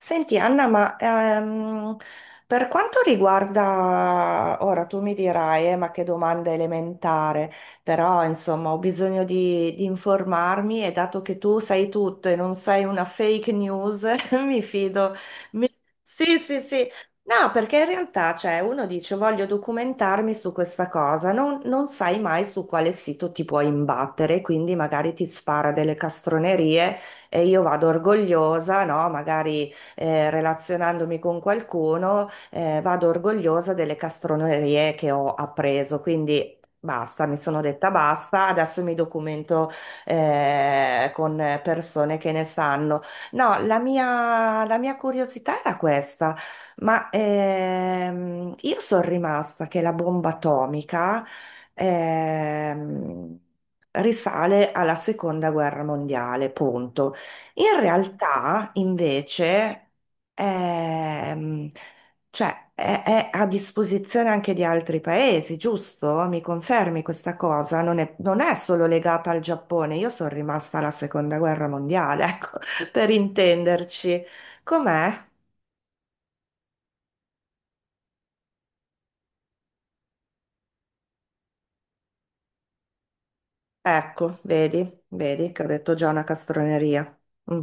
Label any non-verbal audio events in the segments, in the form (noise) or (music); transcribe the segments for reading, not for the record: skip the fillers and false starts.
Senti Anna, ma per quanto riguarda, ora tu mi dirai, ma che domanda elementare, però insomma ho bisogno di informarmi e dato che tu sai tutto e non sei una fake news, (laughs) mi fido. Mi- Sì, sì, sì. No, perché in realtà, cioè, uno dice voglio documentarmi su questa cosa, non sai mai su quale sito ti puoi imbattere, quindi magari ti spara delle castronerie e io vado orgogliosa, no? Magari relazionandomi con qualcuno, vado orgogliosa delle castronerie che ho appreso. Quindi basta, mi sono detta basta, adesso mi documento con persone che ne sanno. No, la mia curiosità era questa, ma io sono rimasta che la bomba atomica ehm, risale alla seconda guerra mondiale, punto. In realtà, invece, ehm, cioè, è a disposizione anche di altri paesi, giusto? Mi confermi questa cosa? Non è solo legata al Giappone. Io sono rimasta alla seconda guerra mondiale, (laughs) ecco, per intenderci. Com'è? Ecco, vedi, vedi che ho detto già una castroneria. Mm.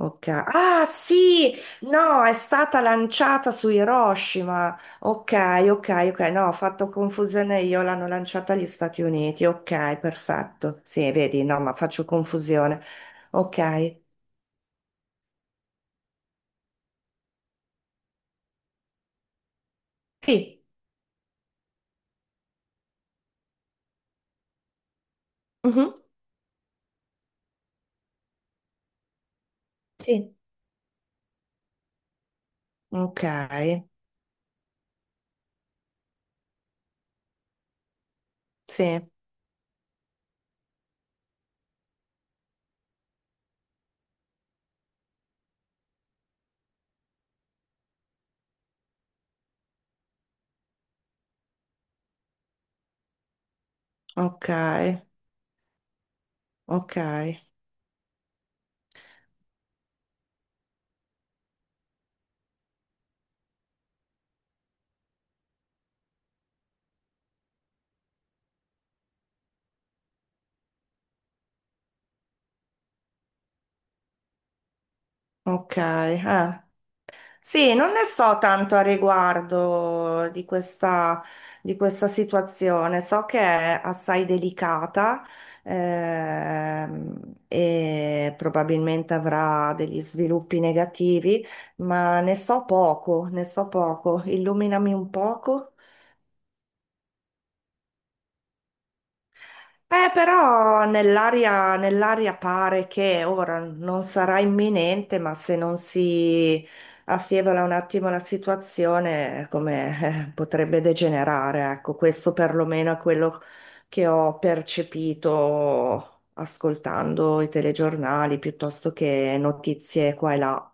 Ok. Ah sì, no, è stata lanciata su Hiroshima. Ok, ok, ok, no, ho fatto confusione io, l'hanno lanciata agli Stati Uniti. Ok, perfetto. Sì, vedi, no, ma faccio confusione. Ok. Sì. Mhm. Sì. Ok, sì, ok, ok, ok. Ah. Sì, non ne so tanto a riguardo di questa situazione, so che è assai delicata ehm, e probabilmente avrà degli sviluppi negativi, ma ne so poco, ne so poco. Illuminami un poco. Però nell'aria pare che ora non sarà imminente, ma se non si affievola un attimo la situazione, come potrebbe degenerare, ecco, questo perlomeno è quello che ho percepito ascoltando i telegiornali piuttosto che notizie qua e là.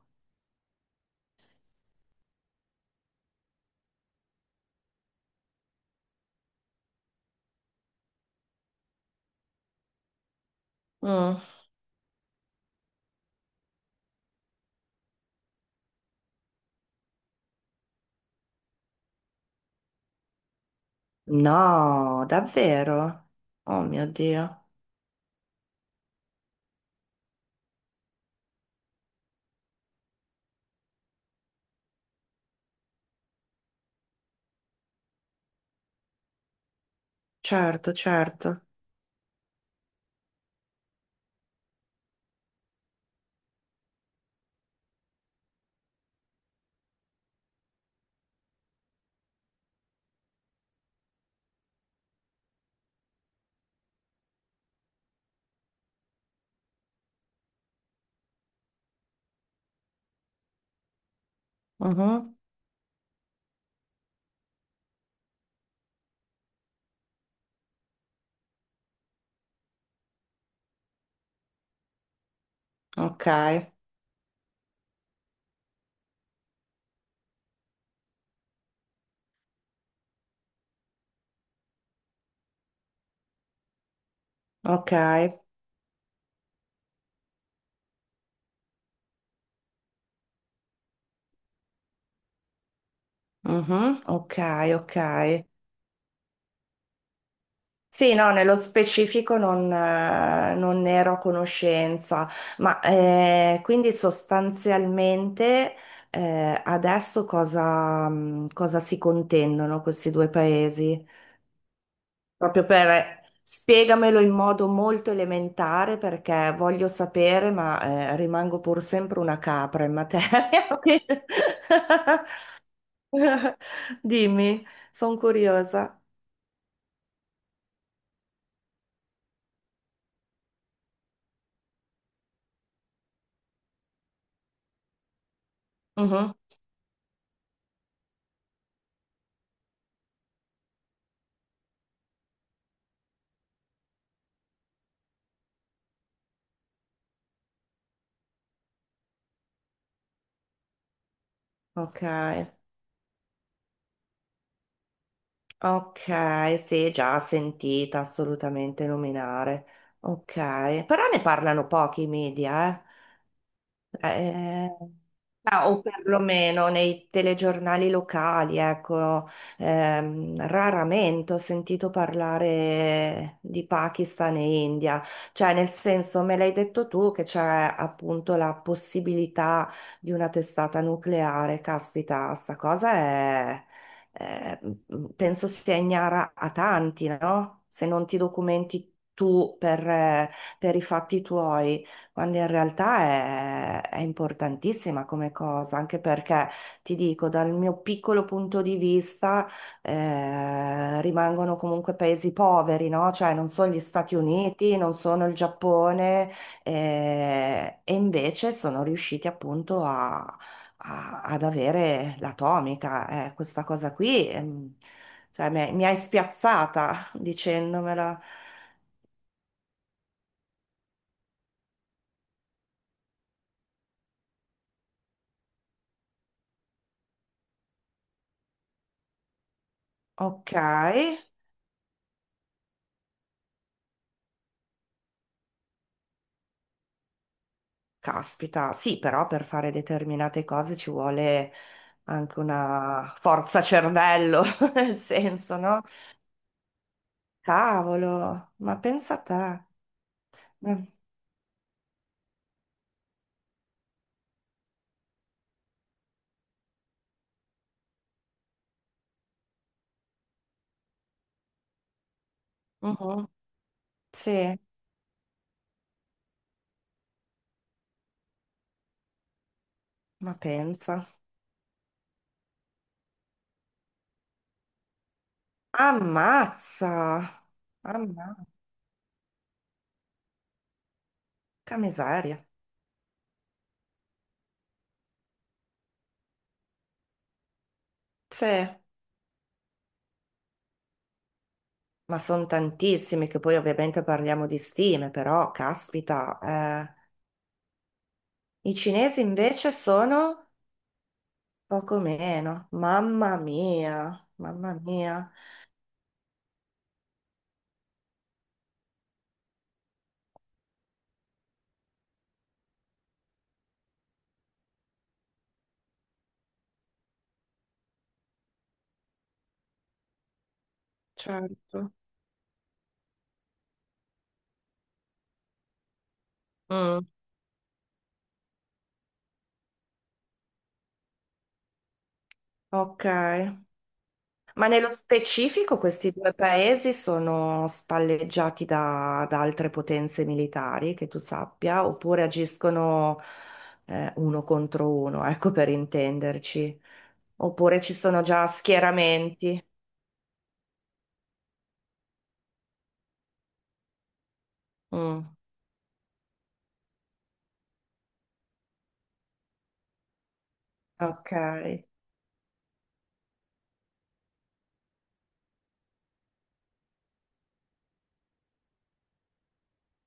Mm. No, davvero? Oh mio Dio. Certo, certo. Mhm. Ok, ok. Mhm, ok, ok. Sì, no, nello specifico non, non ne ero a conoscenza, ma quindi sostanzialmente adesso cosa, cosa si contendono questi due paesi? Proprio per spiegamelo in modo molto elementare perché voglio sapere, ma rimango pur sempre una capra in materia. (laughs) quindi- (laughs) Dimmi, sono curiosa. Ok, ok, sì, già sentita assolutamente nominare. Ok, però ne parlano pochi i media, eh. Eh, ma- o perlomeno nei telegiornali locali, ecco, raramente ho sentito parlare di Pakistan e India, cioè nel senso me l'hai detto tu che c'è appunto la possibilità di una testata nucleare, caspita, sta cosa è- mm, penso sia ignara a tanti, no? Se non ti documenti tu per i fatti tuoi quando in realtà è importantissima come cosa, anche perché ti dico, dal mio piccolo punto di vista, rimangono comunque paesi poveri, no? Cioè non sono gli Stati Uniti, non sono il Giappone, e invece sono riusciti appunto a- a- ad avere l'atomica. Questa cosa qui, cioè, mi hai spiazzata (laughs) dicendomela. Ok. Caspita, sì, però per fare determinate cose ci vuole anche una forza cervello, (laughs) nel senso, no? Cavolo, ma pensa a te. Mm, mhm, Sì, ma pensa. Ammazza! Ammazza, che miseria. Sì, ma sono tantissimi che poi ovviamente parliamo di stime, però caspita, eh. I cinesi invece sono poco meno. Mamma mia, mamma mia. Certo. Mm. Ok. Ma nello specifico questi due paesi sono spalleggiati da altre potenze militari, che tu sappia, oppure agiscono uno contro uno, ecco per intenderci. Oppure ci sono già schieramenti. Mm, ok.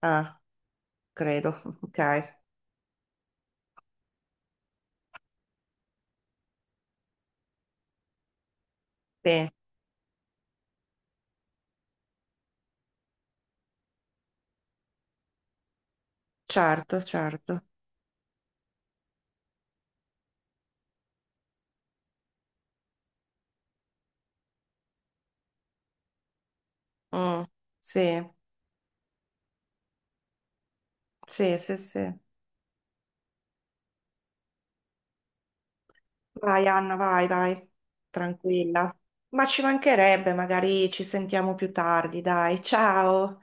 Ah, credo. (laughs) Ok. Sì, certo, certo. Mm, sì, sì, sì, sì. Vai Anna, vai, vai, tranquilla. Ma ci mancherebbe, magari ci sentiamo più tardi, dai, ciao.